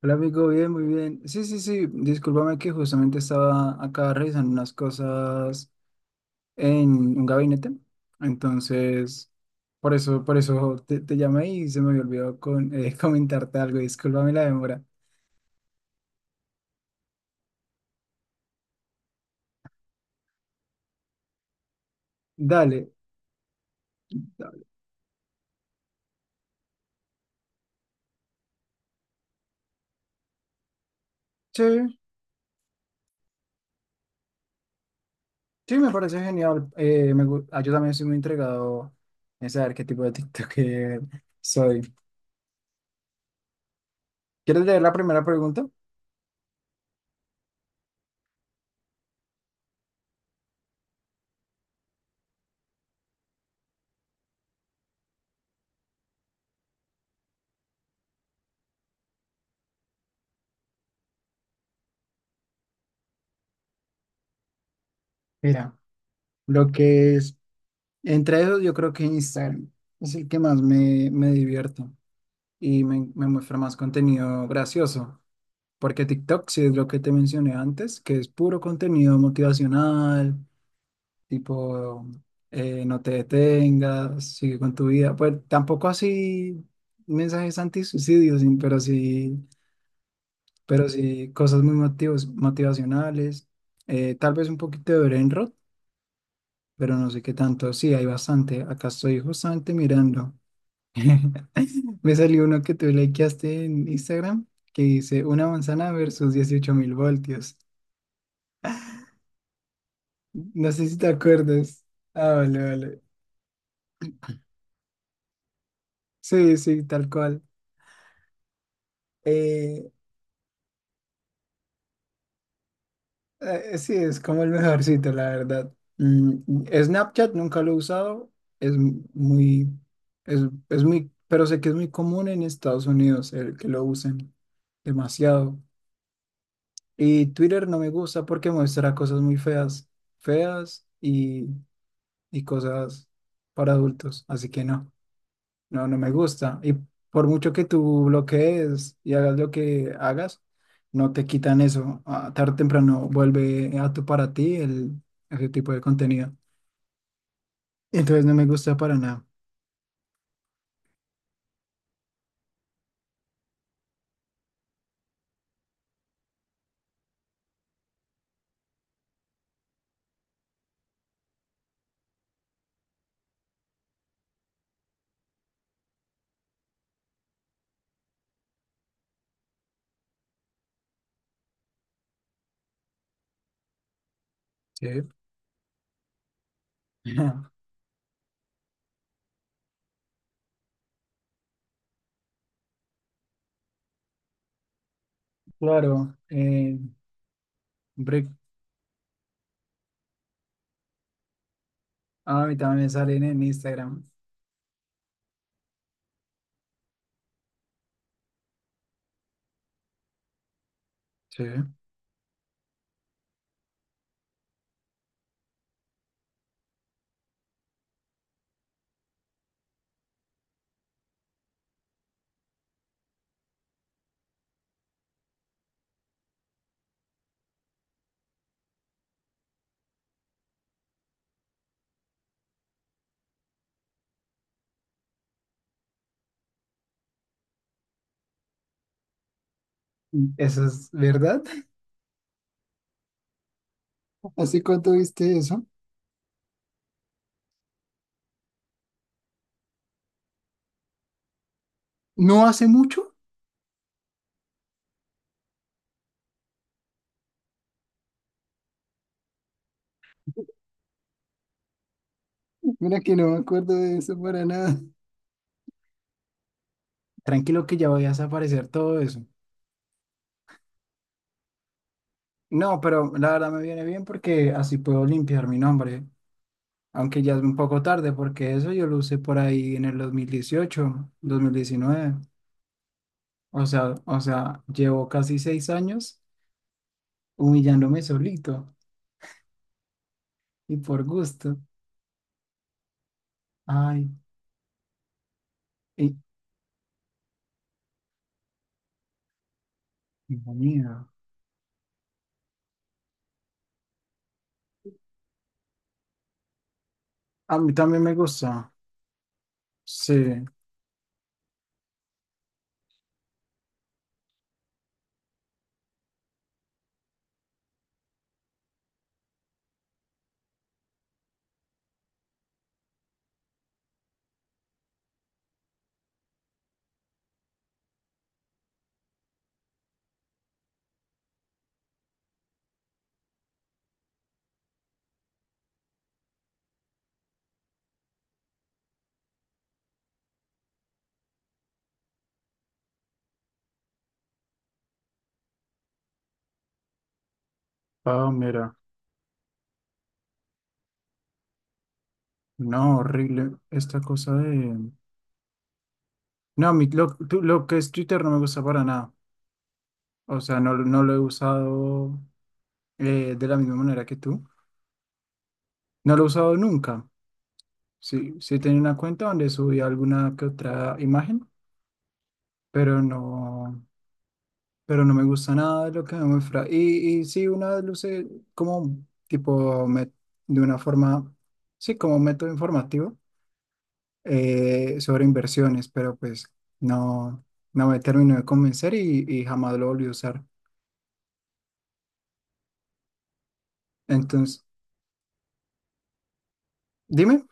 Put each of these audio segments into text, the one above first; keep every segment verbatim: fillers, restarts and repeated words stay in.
Hola amigo, bien, muy bien. Sí, sí, sí, discúlpame que justamente estaba acá revisando unas cosas en un gabinete. Entonces, por eso, por eso te, te llamé y se me olvidó con, eh, comentarte algo. Discúlpame la demora. Dale. Sí, sí, me parece genial. Eh, me gu- ah, yo también soy muy entregado en saber qué tipo de TikToker soy. ¿Quieres leer la primera pregunta? Mira, lo que es, entre ellos yo creo que Instagram es el que más me, me divierto y me, me muestra más contenido gracioso, porque TikTok, si es lo que te mencioné antes, que es puro contenido motivacional, tipo eh, no te detengas, sigue con tu vida. Pues tampoco así mensajes antisuicidios, sí, pero sí, pero sí cosas muy motivos, motivacionales. Eh, tal vez un poquito de Brainrot, pero no sé qué tanto. Sí, hay bastante. Acá estoy justamente mirando. Me salió uno que tú likeaste en Instagram que dice una manzana versus dieciocho mil voltios. No sé si te acuerdas. Ah, vale, vale. Sí, sí, tal cual. Eh, eh, sí, es como el mejorcito, la verdad. Mm, Snapchat nunca lo he usado. Es m- muy, es, es muy, pero sé que es muy común en Estados Unidos el que lo usen demasiado. Y Twitter no me gusta porque muestra cosas muy feas, feas y cosas para adultos. Así que no, no, no me gusta. Y por mucho que tú bloquees y hagas lo que hagas, no te quitan eso. Ah, tarde o temprano vuelve a tu para ti el, ese tipo de contenido. Entonces no me gusta para nada. Sí. Claro. Eh, hombre, a mí también me salen en Instagram. Sí. ¿Eso es verdad? ¿Hace cuánto viste eso? No hace mucho. Mira que no me acuerdo de eso para nada. Tranquilo que ya voy a desaparecer todo eso. No, pero la verdad me viene bien porque así puedo limpiar mi nombre, aunque ya es un poco tarde porque eso yo lo usé por ahí en el dos dos mil dieciocho, dos mil diecinueve. O sea, o sea, llevo casi seis años humillándome solito y por gusto. Ay, y, hijo mío. A mí también me gusta. Sí. Ah, mira. No, horrible esta cosa de. No, mi, lo, tú- lo que es Twitter no me gusta para nada. O sea, no, no lo he usado eh, de la misma manera que tú. No lo he usado nunca. Sí, sí tenía una cuenta donde subí alguna que otra imagen, pero no, pero no me gusta nada de lo que me muestra. Y, y sí, una vez lo usé como tipo me- de una forma, sí, como método informativo eh, sobre inversiones, pero pues no, no me terminó de convencer y, y jamás lo volví a usar. Entonces, dime.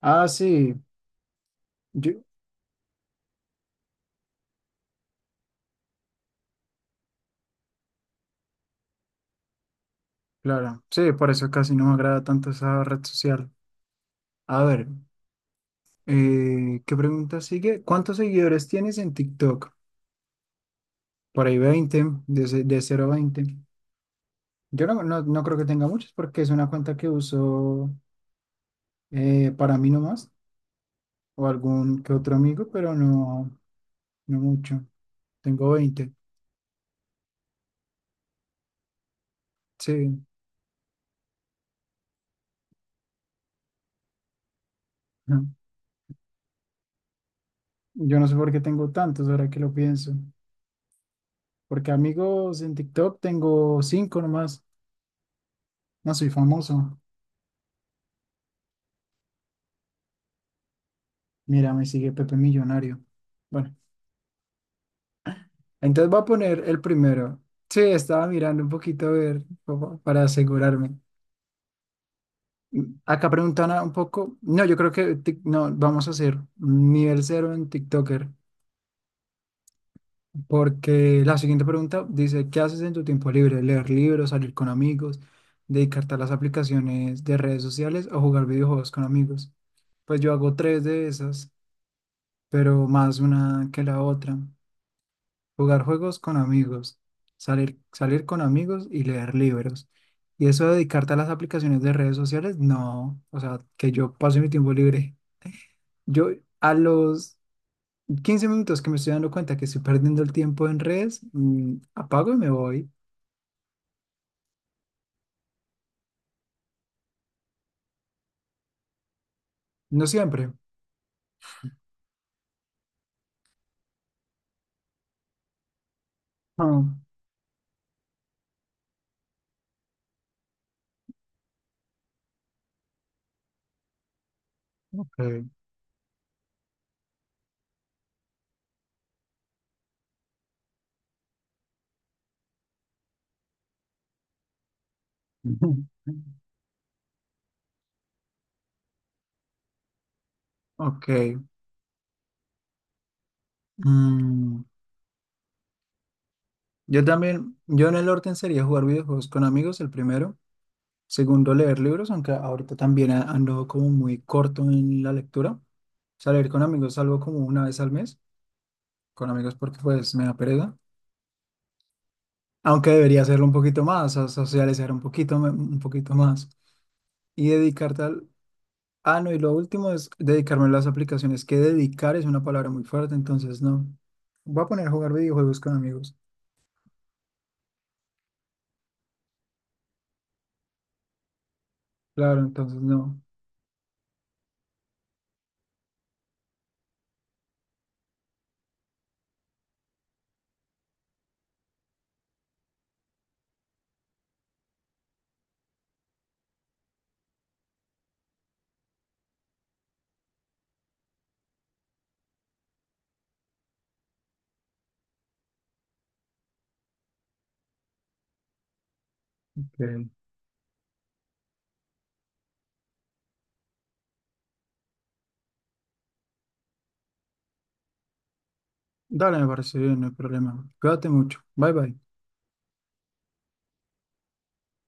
Ah, sí. Claro, sí, por eso casi no me agrada tanto esa red social. A ver, eh, ¿qué pregunta sigue? ¿Cuántos seguidores tienes en TikTok? Por ahí veinte, de, ce- de cero a veinte. Yo no, no, no creo que tenga muchos porque es una cuenta que uso eh, para mí nomás o algún que otro amigo, pero no, no mucho. Tengo veinte. Sí. Ujú. Yo no sé por qué tengo tantos ahora que lo pienso. Porque amigos en TikTok tengo cinco nomás. No soy famoso. Mira, me sigue Pepe Millonario. Bueno, entonces voy a poner el primero. Sí, estaba mirando un poquito a ver como para asegurarme. Acá preguntan a- un poco. No, yo creo que tic- no, vamos a hacer un nivel cero en TikToker. Porque la siguiente pregunta dice: ¿Qué haces en tu tiempo libre? ¿Leer libros, salir con amigos, dedicarte a las aplicaciones de redes sociales o jugar videojuegos con amigos? Pues yo hago tres de esas, pero más una que la otra. Jugar juegos con amigos, salir, salir con amigos y leer libros. Y eso de dedicarte a las aplicaciones de redes sociales, no. O sea, que yo pase mi tiempo libre. Yo a los quince minutos que me estoy dando cuenta que estoy perdiendo el tiempo en redes, mm, apago y me voy. No siempre. Ah, ok. Ok. Mm, yo también, yo en el orden sería jugar videojuegos con amigos el primero. Segundo, leer libros, aunque ahorita también a- ando como muy corto en la lectura. Salir con amigos salgo como una vez al mes, con amigos porque pues me da pereza. Aunque debería hacerlo un poquito más, a socializar un poquito, me- un poquito más. Y dedicarte al. Ah, no, y lo último es dedicarme a las aplicaciones, que dedicar es una palabra muy fuerte, entonces no. Voy a poner a jugar videojuegos con amigos. Claro, entonces no. Bien. Dale, me parece bien, no hay problema. Cuídate mucho. Bye bye.